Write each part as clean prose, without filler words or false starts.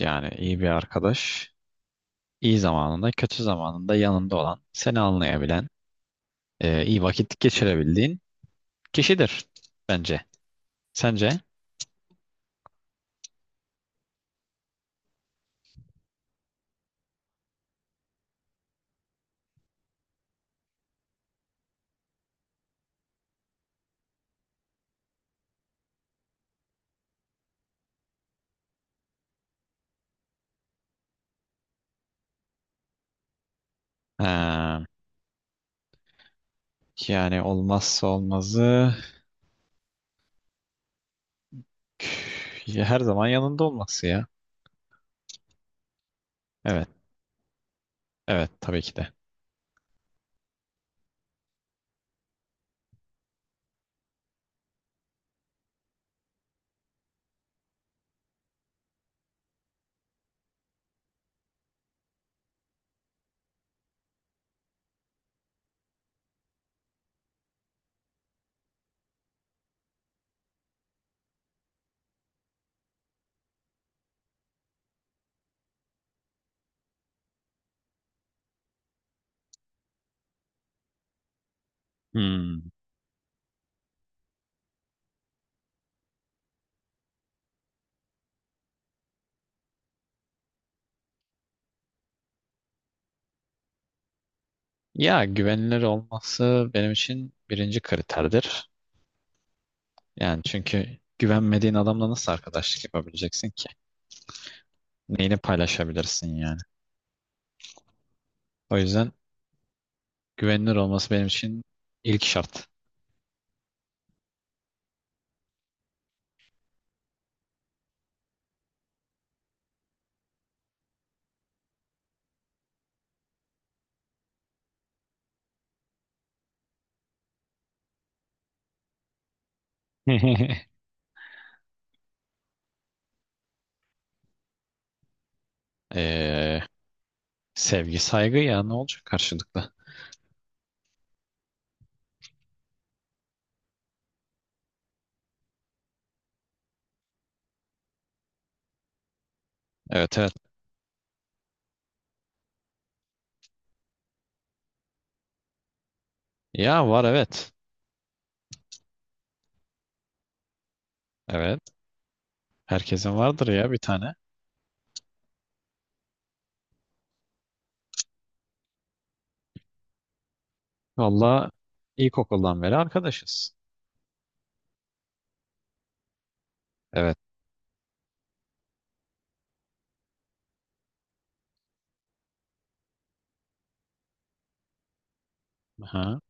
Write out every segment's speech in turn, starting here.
Yani iyi bir arkadaş, iyi zamanında, kötü zamanında yanında olan, seni anlayabilen, iyi vakit geçirebildiğin kişidir bence. Sence? Ha, yani olmazsa olmazı ya her zaman yanında olması ya. Evet, evet tabii ki de. Hmm. Ya güvenilir olması benim için birinci kriterdir. Yani çünkü güvenmediğin adamla nasıl arkadaşlık yapabileceksin ki? Neyini paylaşabilirsin yani? O yüzden güvenilir olması benim için ilk şart. Ee, Sevgi, saygı ya ne olacak karşılıklı? Evet evet. Ya var evet. Evet. Herkesin vardır ya bir tane. Valla ilkokuldan beri arkadaşız. Evet. Aha.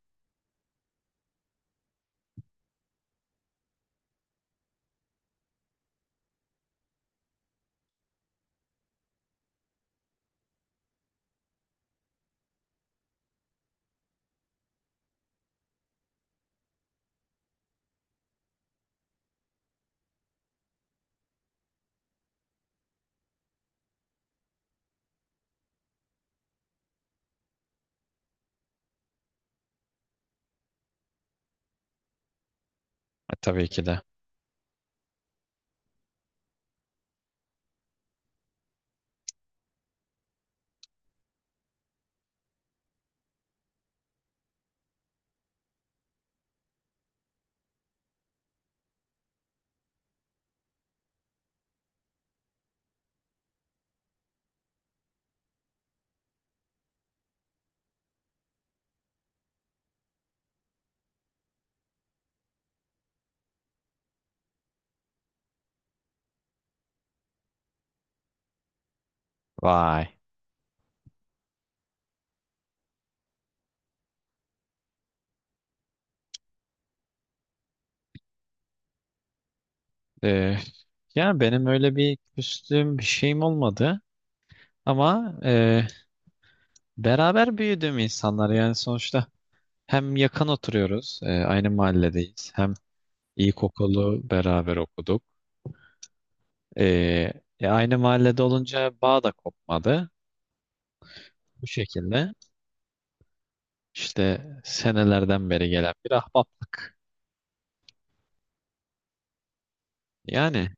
E, tabii ki de. Vay. Ee, Yani benim öyle bir küstüğüm bir şeyim olmadı. Ama beraber büyüdüğüm insanlar yani sonuçta hem yakın oturuyoruz, aynı mahalledeyiz. Hem ilkokulu beraber okuduk. Ee, Aynı mahallede olunca bağ da kopmadı. Bu şekilde işte senelerden beri gelen bir ahbaplık. Yani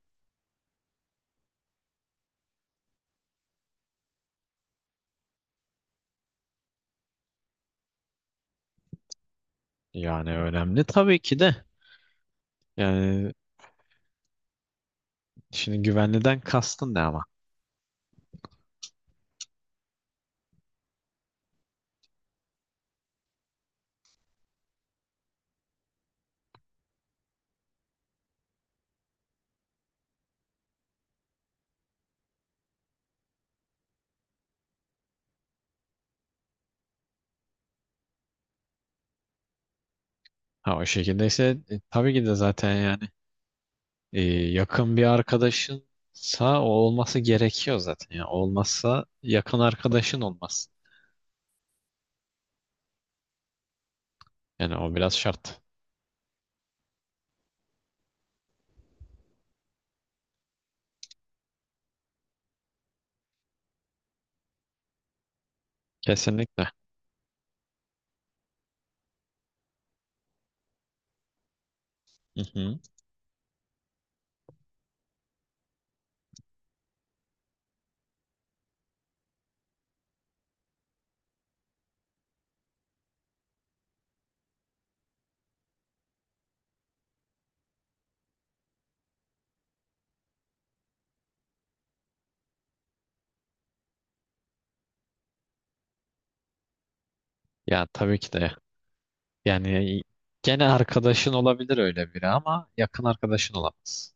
yani önemli tabii ki de. Yani şimdi güvenliden kastın ne ama? Ha o şekildeyse tabii ki de zaten yani yakın bir arkadaşınsa o olması gerekiyor zaten. Yani olmazsa yakın arkadaşın olmaz. Yani o biraz şart. Kesinlikle. Hı hı. Ya tabii ki de. Yani gene arkadaşın olabilir öyle biri ama yakın arkadaşın olamaz.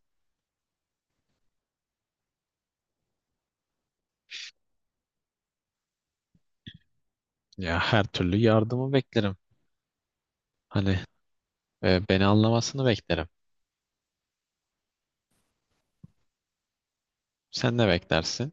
Ya her türlü yardımı beklerim. Hani beni anlamasını beklerim. Sen ne beklersin?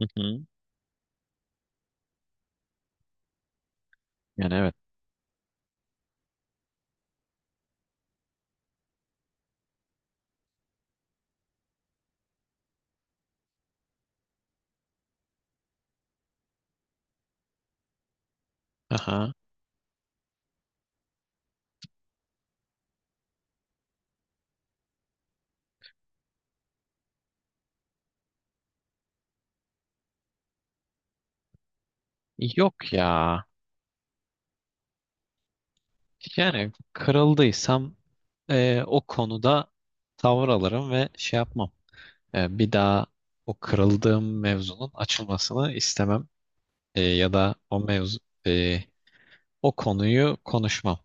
Hı hı. Yani evet. Aha. Yok ya. Yani kırıldıysam o konuda tavır alırım ve şey yapmam. Bir daha o kırıldığım mevzunun açılmasını istemem. Ya da o mevzu e, o konuyu konuşmam.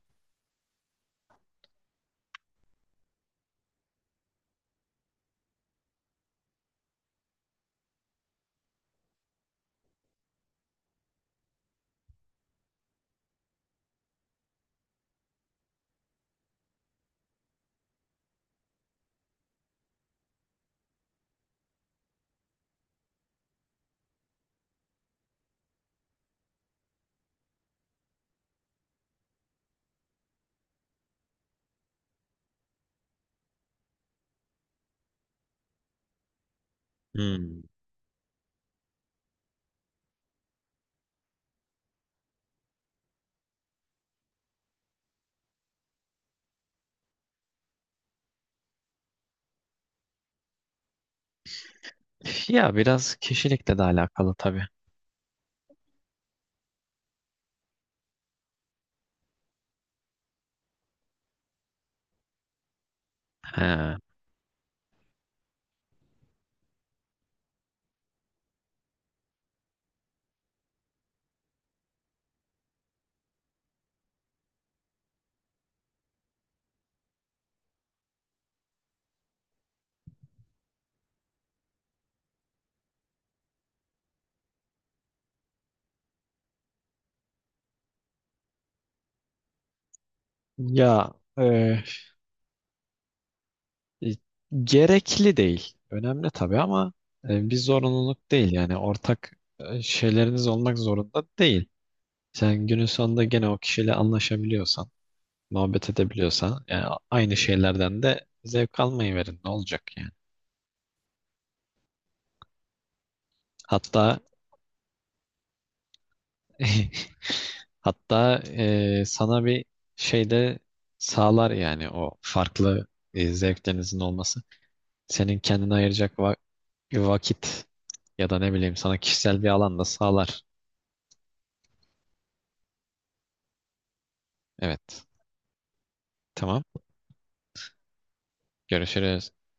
Hmm. Ya biraz kişilikle de alakalı tabii. He. Ya e, gerekli değil. Önemli tabii ama bir zorunluluk değil yani ortak şeyleriniz olmak zorunda değil. Sen günün sonunda gene o kişiyle anlaşabiliyorsan, muhabbet edebiliyorsan yani aynı şeylerden de zevk almayı verin ne olacak yani. Hatta Hatta sana bir şey de sağlar yani o farklı zevklerinizin olması. Senin kendine ayıracak vakit ya da ne bileyim sana kişisel bir alan da sağlar. Evet. Tamam. Görüşürüz.